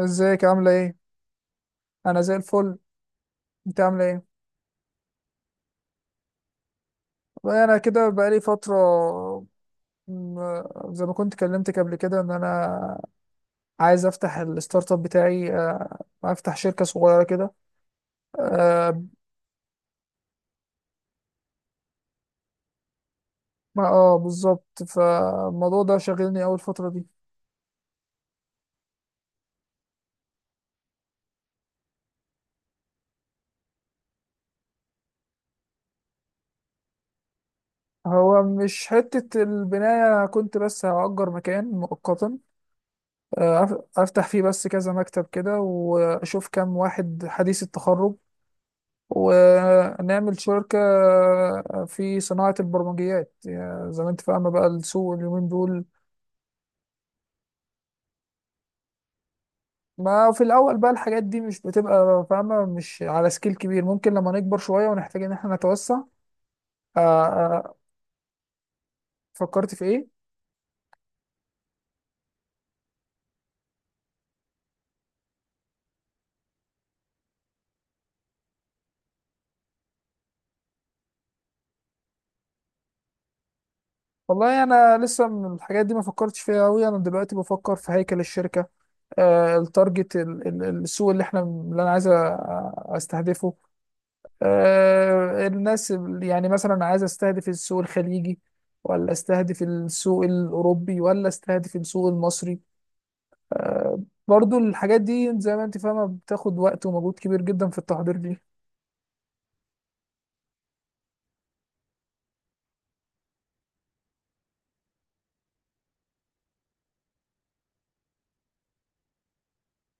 ازيك عاملة ايه؟ أنا زي الفل، أنت عاملة ايه؟ والله أنا كده بقالي فترة. م- زي ما كنت كلمتك قبل كده إن أنا عايز أفتح الستارت اب بتاعي، أفتح شركة صغيرة كده. اه. بالظبط، فالموضوع ده شاغلني أول فترة دي. هو مش حتة البناية، أنا كنت بس هأجر مكان مؤقتا، أفتح فيه بس كذا مكتب كده، وأشوف كام واحد حديث التخرج ونعمل شركة، في صناعة البرمجيات، يعني زي ما انت فاهمة بقى السوق اليومين دول. ما في الأول بقى الحاجات دي مش بتبقى فاهمة مش على سكيل كبير، ممكن لما نكبر شوية ونحتاج إن احنا نتوسع. آه، آه، فكرت في إيه؟ والله أنا لسه من الحاجات دي ما فكرتش فيها أوي، أنا دلوقتي بفكر في هيكل الشركة، التارجت، السوق اللي أنا عايز أستهدفه، الناس، يعني مثلا عايز استهدف السوق الخليجي، ولا استهدف السوق الأوروبي، ولا استهدف السوق المصري. برضو الحاجات دي زي ما انت فاهمة بتاخد وقت ومجهود كبير جدا في التحضير دي.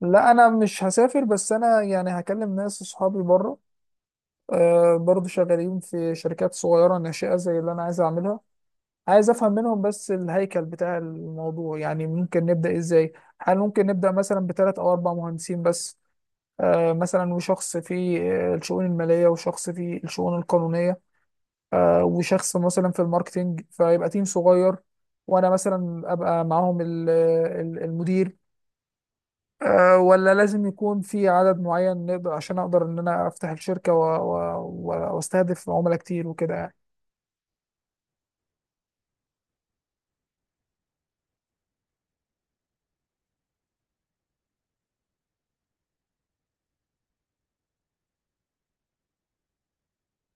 لا انا مش هسافر، بس انا يعني هكلم ناس اصحابي بره، برضو شغالين في شركات صغيرة ناشئة زي اللي انا عايز اعملها. عايز افهم منهم بس الهيكل بتاع الموضوع، يعني ممكن نبدأ ازاي؟ هل ممكن نبدأ مثلا بثلاث او اربع مهندسين بس، مثلا، وشخص في، الشؤون المالية، وشخص في الشؤون القانونية، وشخص مثلا في الماركتينج، فيبقى تيم صغير، وأنا مثلا أبقى معاهم المدير، ولا لازم يكون في عدد معين نقدر عشان أقدر إن أنا أفتح الشركة وأستهدف عملاء كتير وكده يعني.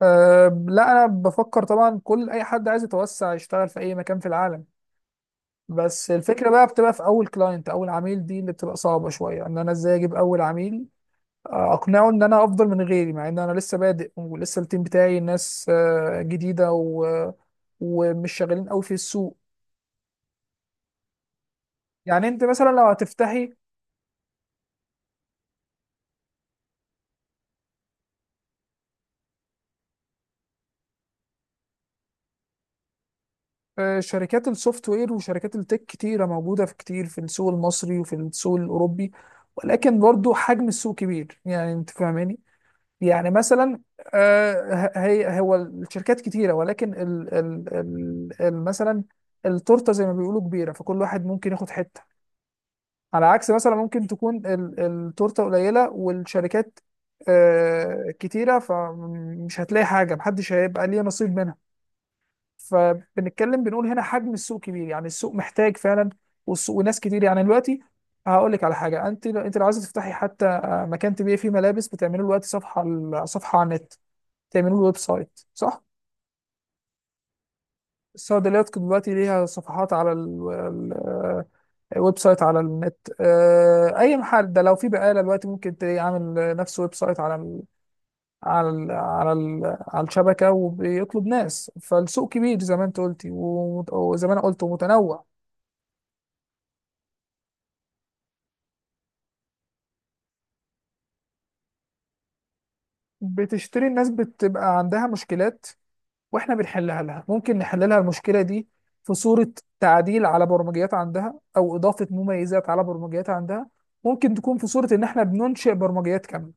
لا أنا بفكر طبعا، أي حد عايز يتوسع يشتغل في أي مكان في العالم، بس الفكرة بقى بتبقى في أول كلاينت، أول عميل، دي اللي بتبقى صعبة شوية، إن أنا إزاي أجيب أول عميل، اقنعه ان انا افضل من غيري، مع ان انا لسه بادئ ولسه التيم بتاعي ناس، جديده، ومش شغالين قوي في السوق. يعني انت مثلا لو هتفتحي، شركات السوفت وير وشركات التك كتيره موجوده في كتير في السوق المصري وفي السوق الاوروبي، ولكن برضو حجم السوق كبير، يعني انت فاهماني، يعني مثلا، آه، ه- هي هو الشركات كتيره ولكن مثلا التورته زي ما بيقولوا كبيره، فكل واحد ممكن ياخد حته، على عكس مثلا ممكن تكون التورته قليله والشركات كتيره، فمش هتلاقي حاجه، محدش هيبقى ليه نصيب منها. فبنتكلم بنقول هنا حجم السوق كبير، يعني السوق محتاج فعلا، والسوق وناس كتير يعني دلوقتي. هقول لك على حاجه، انت لو عايزه تفتحي حتى، مكان تبيعي فيه ملابس، بتعملي له دلوقتي صفحه صفحه على النت، تعملي له ويب سايت، صح؟ الصيدليات دلوقتي ليها صفحات على ويب سايت على النت، اي محل ده، لو في بقاله دلوقتي ممكن تلاقيه عامل نفس ويب سايت على ال على ال على ال على الشبكه، وبيطلب ناس، فالسوق كبير زي ما انت قلتي وزي ما انا قلت، ومتنوع. بتشتري، الناس بتبقى عندها مشكلات واحنا بنحلها لها. ممكن نحل لها المشكله دي في صوره تعديل على برمجيات عندها او اضافه مميزات على برمجيات عندها، ممكن تكون في صوره ان احنا بننشئ برمجيات كامله.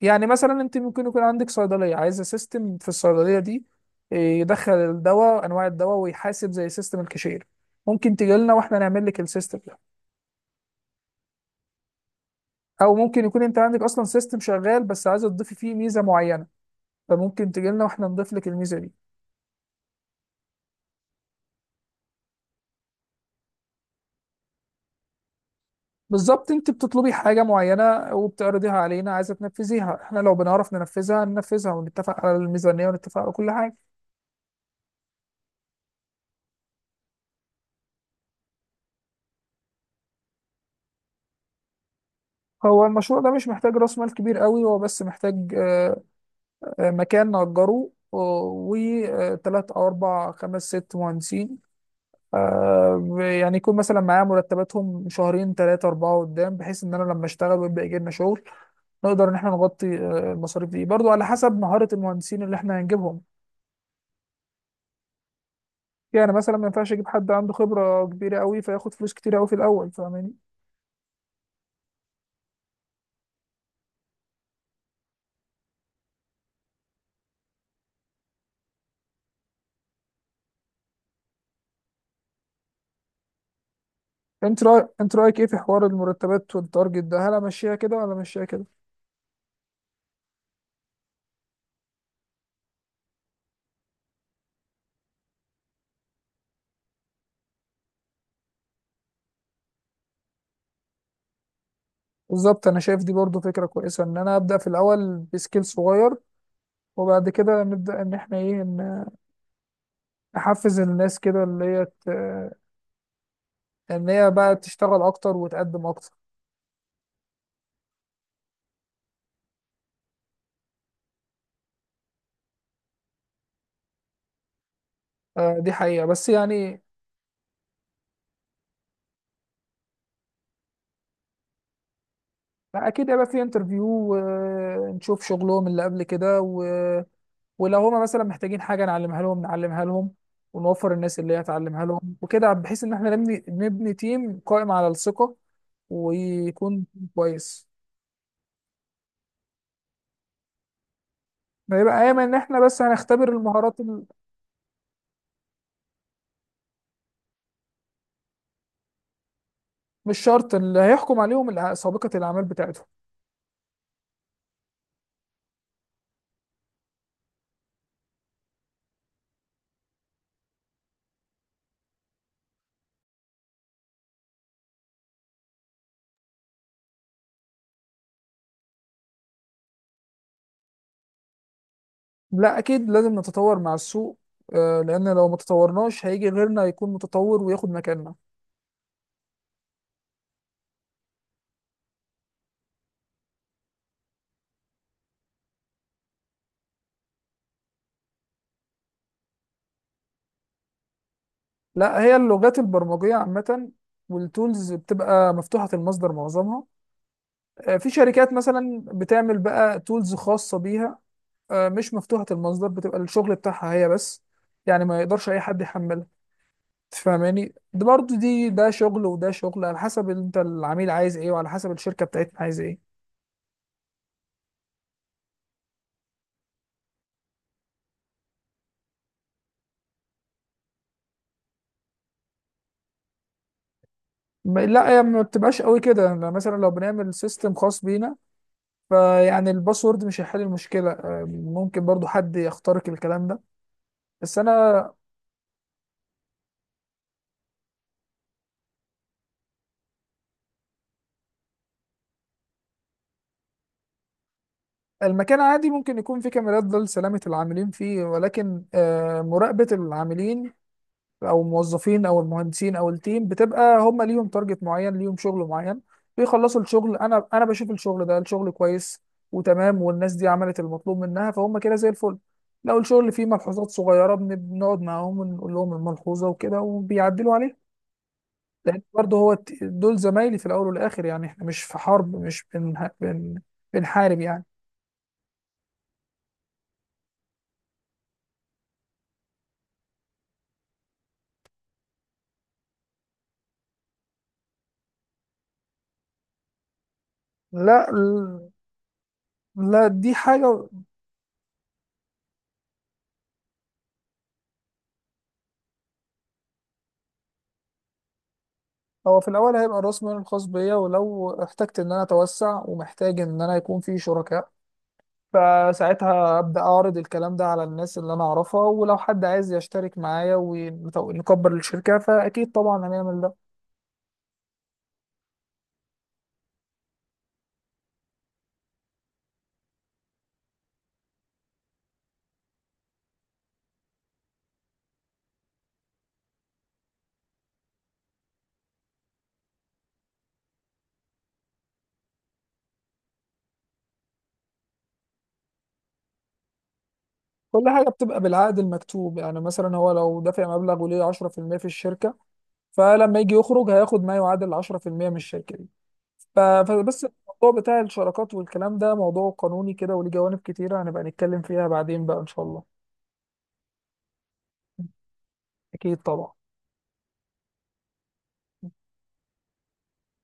يعني مثلا انت ممكن يكون عندك صيدليه عايزه سيستم في الصيدليه دي، يدخل الدواء، انواع الدواء، ويحاسب زي سيستم الكاشير، ممكن تجي لنا واحنا نعمل لك السيستم ده. او ممكن يكون انت عندك اصلا سيستم شغال، بس عايزه تضيفي فيه ميزه معينه، فممكن تجي لنا واحنا نضيف لك الميزه دي. بالظبط، انت بتطلبي حاجه معينه وبتعرضيها علينا، عايزه تنفذيها، احنا لو بنعرف ننفذها ننفذها، ونتفق على الميزانيه ونتفق على كل حاجه. هو المشروع ده مش محتاج راس مال كبير قوي، هو بس محتاج، مكان نأجره، وثلاث أو أربع خمس ست مهندسين، يعني يكون مثلا معايا مرتباتهم شهرين ثلاثة أربعة قدام، بحيث إن أنا لما أشتغل ويبقى يجي لنا شغل نقدر إن إحنا نغطي، المصاريف دي، برضو على حسب مهارة المهندسين اللي إحنا هنجيبهم. يعني مثلا ما ينفعش أجيب حد عنده خبرة كبيرة قوي فياخد فلوس كتير قوي في الأول، فاهماني؟ أنت رأيك إيه في حوار المرتبات والتارجت ده؟ هل أمشيها كده ولا أمشيها كده؟ بالظبط، أنا شايف دي برضو فكرة كويسة، إن أنا أبدأ في الأول بسكيل صغير، وبعد كده نبدأ إن إحنا إيه إن نحفز الناس كده، اللي هي إن هي بقى تشتغل أكتر وتقدم أكتر. آه، دي حقيقة بس يعني. أكيد هيبقى في انترفيو، ونشوف شغلهم اللي قبل كده، ولو هما مثلا محتاجين حاجة نعلمها لهم نعلمها لهم، ونوفر الناس اللي هي هتعلمها لهم وكده، بحيث إن إحنا نبني نبني تيم قائم على الثقة، ويكون كويس. ما يبقى أيما إن إحنا بس هنختبر المهارات مش شرط اللي هيحكم عليهم سابقة الأعمال بتاعتهم. لا اكيد لازم نتطور مع السوق، لان لو ما تطورناش هيجي غيرنا يكون متطور وياخد مكاننا. لا، هي اللغات البرمجيه عامه، والتولز بتبقى مفتوحه المصدر معظمها، في شركات مثلا بتعمل بقى تولز خاصه بيها، مش مفتوحه المصدر، بتبقى الشغل بتاعها هي بس، يعني ما يقدرش اي حد يحملها. تفهماني؟ ده برضه دي، ده شغل وده شغل، على حسب انت العميل عايز ايه وعلى حسب الشركه بتاعتنا عايزه ايه. لا، هي ما بتبقاش قوي كده، يعني مثلا لو بنعمل سيستم خاص بينا، فيعني الباسورد مش هيحل المشكلة، ممكن برضو حد يخترق الكلام ده. بس أنا المكان عادي ممكن يكون فيه كاميرات، ده لسلامة العاملين فيه، ولكن، مراقبة العاملين أو الموظفين أو المهندسين أو التيم، بتبقى هم ليهم تارجت معين، ليهم شغل معين، بيخلصوا الشغل، أنا بشوف الشغل ده، الشغل كويس وتمام والناس دي عملت المطلوب منها، فهم كده زي الفل. لو الشغل فيه ملحوظات صغيرة بنقعد معاهم ونقول لهم الملحوظة وكده، وبيعدلوا عليها. لان برضه هو دول زمايلي في الاول والاخر، يعني احنا مش في حرب، مش بنحارب يعني. لا ال- لا، دي حاجه. هو في الاول هيبقى راس مالي الخاص بيا، ولو احتجت ان انا اتوسع ومحتاج ان انا يكون في شركاء، فساعتها ابدا اعرض الكلام ده على الناس اللي انا اعرفها، ولو حد عايز يشترك معايا ونكبر الشركه فاكيد طبعا هنعمل ده. كل حاجه بتبقى بالعقد المكتوب، يعني مثلا هو لو دافع مبلغ وليه 10% في المية في الشركه، فلما يجي يخرج هياخد ما يعادل 10% من الشركه دي. فبس الموضوع بتاع الشراكات والكلام ده موضوع قانوني كده وليه جوانب كتيره، هنبقى نتكلم فيها بعدين بقى ان شاء الله. اكيد طبعا.